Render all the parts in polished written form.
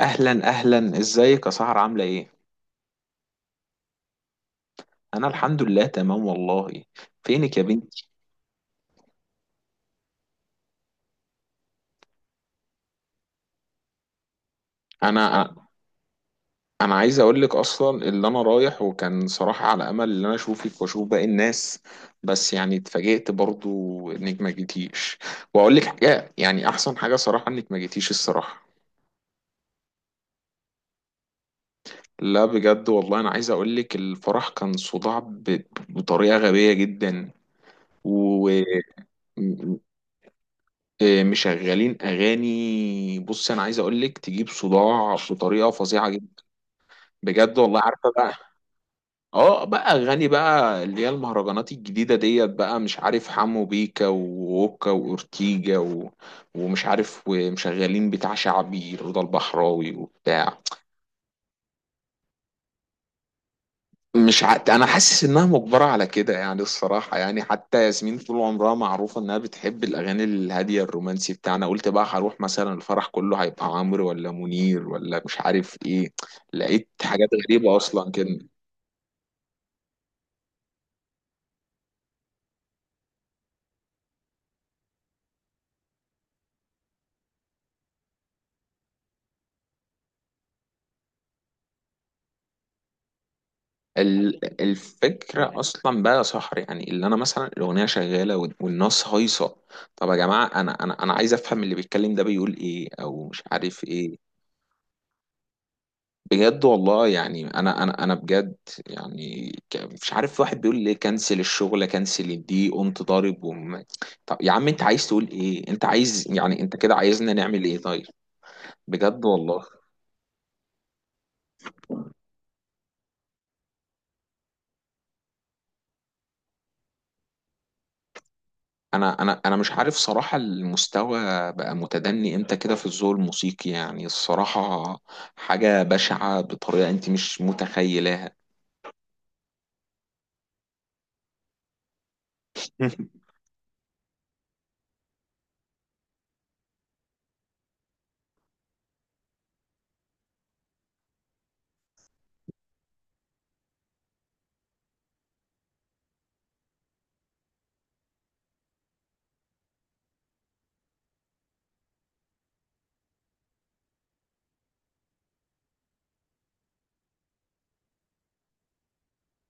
اهلا اهلا، ازيك يا سهر؟ عامله ايه؟ انا الحمد لله تمام والله. فينك يا بنتي؟ انا انا عايز اقول لك اصلا اللي انا رايح وكان صراحه على امل ان انا اشوفك واشوف باقي الناس. بس يعني اتفاجئت برضو انك ما جيتيش. واقول لك حاجه، يعني احسن حاجه صراحه انك ما جيتيش الصراحه. لا بجد والله، انا عايز اقول لك الفرح كان صداع بطريقه غبيه جدا و... مشغلين اغاني. بص، انا عايز اقول لك تجيب صداع بطريقه فظيعه جدا. بجد والله، عارفه بقى. اه، بقى اغاني، بقى اللي هي المهرجانات الجديده ديت، بقى مش عارف حمو بيكا ووكا واورتيجا و... ومش عارف، ومشغلين بتاع شعبي رضا البحراوي وبتاع... مش ع... انا حاسس انها مجبره على كده يعني الصراحه، يعني حتى ياسمين طول عمرها معروفه انها بتحب الاغاني الهاديه الرومانسي بتاعنا. قلت بقى هروح مثلا الفرح كله هيبقى عمرو ولا منير ولا مش عارف ايه. لقيت حاجات غريبه اصلا كده. الفكره اصلا بقى يا صاحبي، يعني اللي انا مثلا الاغنيه شغاله والناس هايصه. طب يا جماعه، انا عايز افهم اللي بيتكلم ده بيقول ايه او مش عارف ايه. بجد والله، يعني انا بجد. يعني مش عارف، واحد بيقول ليه كنسل الشغل كنسل دي، قمت ضارب طب يا عم، انت عايز تقول ايه؟ انت عايز يعني انت كده عايزنا نعمل ايه طيب؟ بجد والله. انا مش عارف صراحة، المستوى بقى متدني امتى كده في الذوق الموسيقي يعني الصراحة. حاجة بشعة بطريقة انت مش متخيلاها.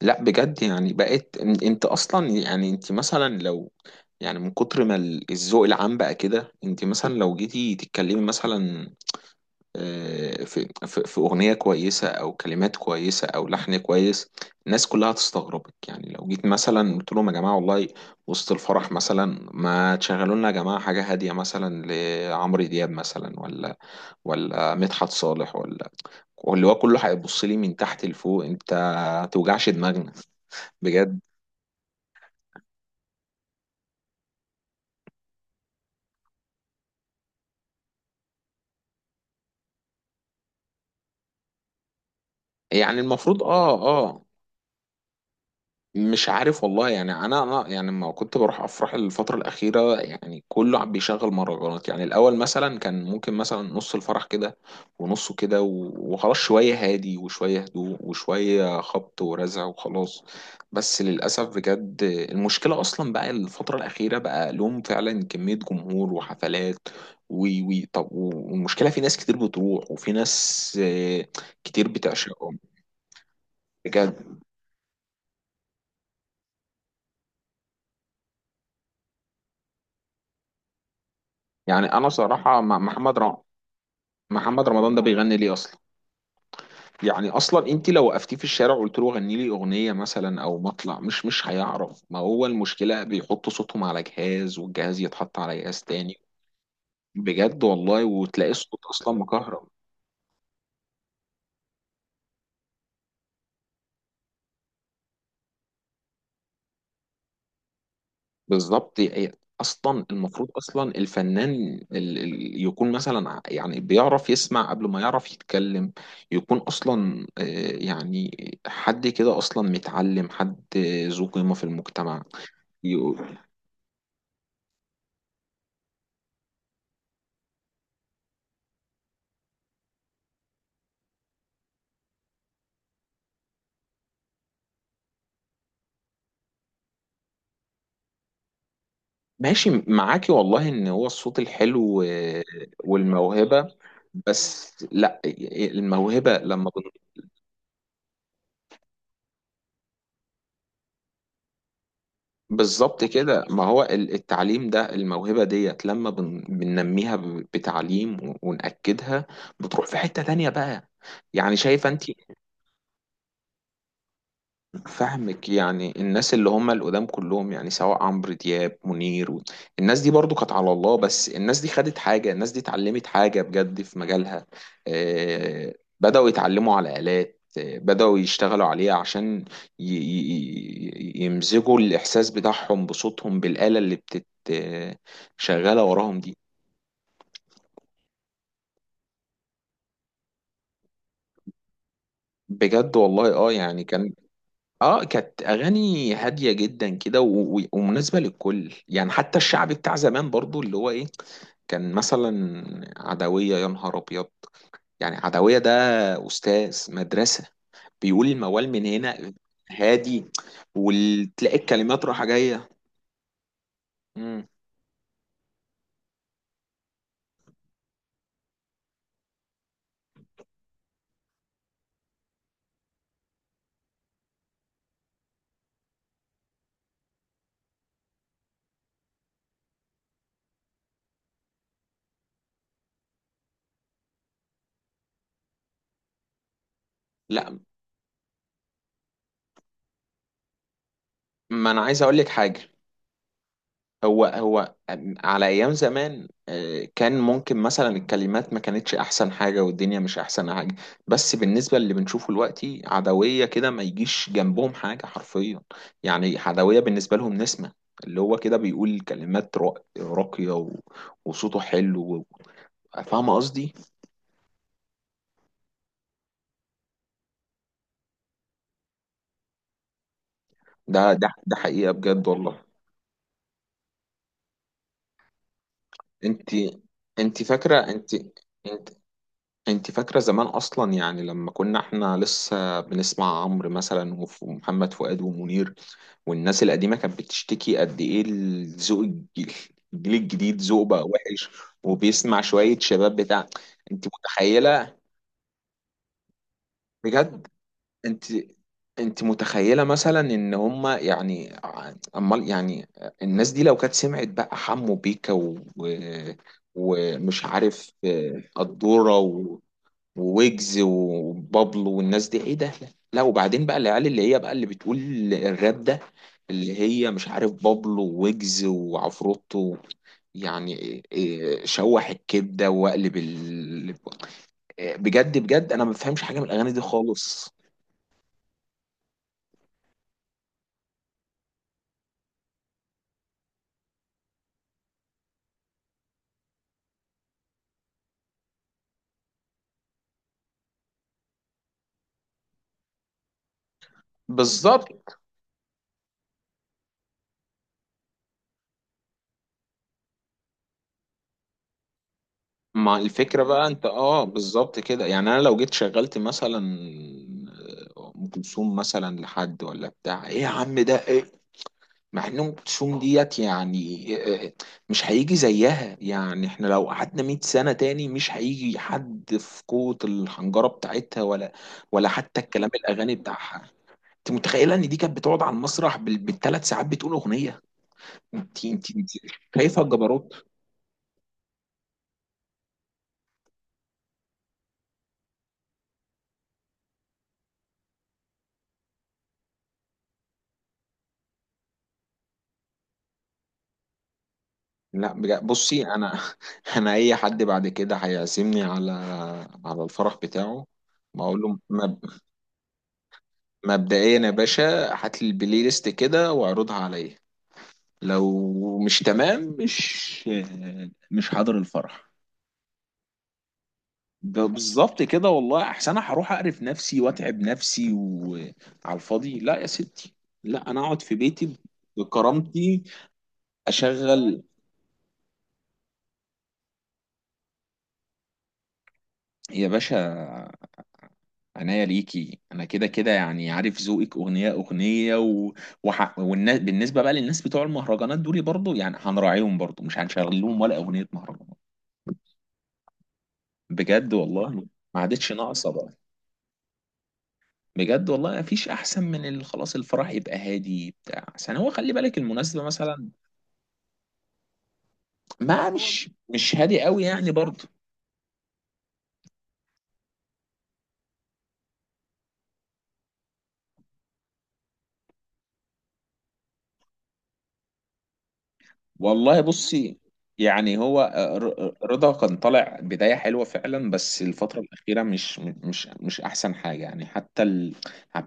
لا بجد يعني، بقيت انت اصلا يعني انت مثلا لو... يعني من كتر ما الذوق العام بقى كده، انت مثلا لو جيتي تتكلمي مثلا في اغنيه كويسه او كلمات كويسه او لحن كويس، الناس كلها هتستغربك. يعني لو جيت مثلا قلت لهم: يا جماعه والله، وسط الفرح مثلا، ما تشغلوا لنا يا جماعه حاجه هاديه مثلا لعمرو دياب مثلا، ولا مدحت صالح ولا... اللي هو كله هيبص لي من تحت لفوق: انت ما توجعش دماغنا. بجد. يعني المفروض مش عارف والله، يعني انا يعني لما كنت بروح افراح الفتره الاخيره، يعني كله عم بيشغل مهرجانات. يعني الاول مثلا كان ممكن مثلا نص الفرح كده ونصه كده وخلاص، شويه هادي وشويه هدوء وشويه خبط ورزع وخلاص. بس للاسف، بجد المشكله اصلا بقى الفتره الاخيره بقى لهم فعلا كميه جمهور وحفلات. وي وي طب، والمشكله في ناس كتير بتروح وفي ناس كتير بتعشقهم. بجد، يعني انا صراحه مع محمد رمضان ده بيغني ليه اصلا؟ يعني اصلا انت لو وقفتيه في الشارع وقلت له غني لي اغنيه مثلا او مطلع، مش هيعرف. ما هو المشكله بيحطوا صوتهم على جهاز، والجهاز يتحط على جهاز تاني. بجد والله، وتلاقي الصوت اصلا مكهرب. بالظبط. هي اصلا المفروض اصلا الفنان يكون مثلا يعني بيعرف يسمع قبل ما يعرف يتكلم. يكون اصلا، يعني حد كده اصلا متعلم، حد ذو قيمه في المجتمع. يقول- ماشي معاكي والله ان هو الصوت الحلو والموهبة. بس لا، الموهبة لما بالظبط كده. ما هو التعليم ده، الموهبة ديت لما بننميها بتعليم ونأكدها. بتروح في حتة تانية بقى، يعني شايفة انت؟ فاهمك. يعني الناس اللي هم القدام كلهم، يعني سواء عمرو دياب، منير و... الناس دي برضو كانت على الله، بس الناس دي خدت حاجة، الناس دي اتعلمت حاجة بجد في مجالها. آه، بدأوا يتعلموا على آلات، بدأوا يشتغلوا عليها عشان يمزجوا الإحساس بتاعهم بصوتهم بالآلة اللي بتت، شغالة وراهم دي. بجد والله. اه يعني كان... اه، كانت اغاني هاديه جدا كده ومناسبه للكل، يعني حتى الشعب بتاع زمان برضو اللي هو ايه. كان مثلا عدويه، يا نهار ابيض! يعني عدويه ده استاذ مدرسه، بيقول الموال من هنا هادي، وتلاقي الكلمات رايحه جايه. مم. لا، ما انا عايز اقول لك حاجه. هو هو على ايام زمان، كان ممكن مثلا الكلمات ما كانتش احسن حاجه والدنيا مش احسن حاجه. بس بالنسبه للي بنشوفه دلوقتي، عدويه كده ما يجيش جنبهم حاجه حرفيا. يعني عدويه بالنسبه لهم نسمه، اللي هو كده بيقول كلمات راقيه وصوته حلو فاهمه قصدي. ده حقيقه بجد والله. انت انت فاكره؟ انت فاكرة زمان اصلا؟ يعني لما كنا احنا لسه بنسمع عمرو مثلا ومحمد فؤاد ومنير، والناس القديمة كانت بتشتكي قد ايه الذوق، الج- الجيل الجديد ذوق بقى وحش، وبيسمع شوية شباب بتاع... انت متخيلة؟ بجد. انت انت متخيلة مثلا ان هما يعني امال يعني الناس دي لو كانت سمعت بقى حمو بيكا ومش عارف، قدورة وويجز وبابلو والناس دي، ايه ده؟ لا، وبعدين بقى العيال اللي هي بقى اللي بتقول الراب ده، اللي هي مش عارف بابلو وويجز وعفروتو، يعني إيه، شوح الكبده واقلب إيه، بجد بجد انا ما بفهمش حاجه من الاغاني دي خالص. بالظبط. ما الفكره بقى انت، بالظبط كده. يعني انا لو جيت شغلت مثلا ام كلثوم مثلا لحد، ولا بتاع ايه يا عم ده ايه؟ مع ان ام كلثوم ديت يعني مش هيجي زيها. يعني احنا لو قعدنا 100 سنه تاني مش هيجي حد في قوه الحنجره بتاعتها، ولا ولا حتى الكلام الاغاني بتاعها. انت متخيله ان دي كانت بتقعد على المسرح بالثلاث ساعات بتقول اغنيه؟ انت شايفه الجبروت؟ لا بجد، بصي انا... انا اي حد بعد كده هيعزمني على الفرح بتاعه، بقول له: مبدئيا يا باشا، هات لي البلاي ليست كده واعرضها عليا. لو مش تمام، مش حاضر الفرح. ده بالظبط كده، والله احسن. انا هروح اقرف نفسي واتعب نفسي وعلى الفاضي؟ لا يا ستي، لا، انا اقعد في بيتي بكرامتي. اشغل يا باشا عناية ليكي، انا كده كده يعني عارف ذوقك اغنيه اغنيه و... والناس، بالنسبه بقى للناس بتوع المهرجانات دول برضو، يعني هنراعيهم برضو، مش هنشغل لهم ولا اغنيه مهرجانات. بجد والله، ما عادتش ناقصه بقى. بجد والله، مفيش احسن من خلاص، الفرح يبقى هادي بتاع، عشان هو خلي بالك المناسبة مثلا. ما هو مش هادي قوي يعني برضه. والله بصي، يعني هو رضا كان طالع بداية حلوة فعلا، بس الفترة الأخيرة مش أحسن حاجة يعني، حتى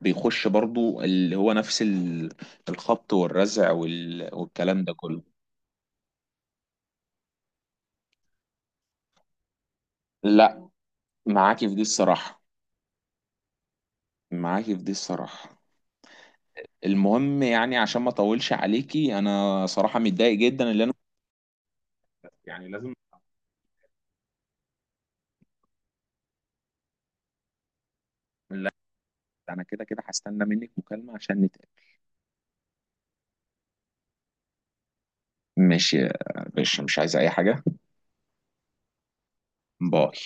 بيخش برضه اللي هو نفس الخبط والرزع والكلام ده كله. لا، معاكي في دي الصراحة، معاكي في دي الصراحة. المهم يعني عشان ما اطولش عليكي، انا صراحة متضايق جدا اللي انا يعني لازم... لا، انا كده كده هستنى منك مكالمة عشان نتقابل. ماشي يا باشا، مش عايز اي حاجة. باي.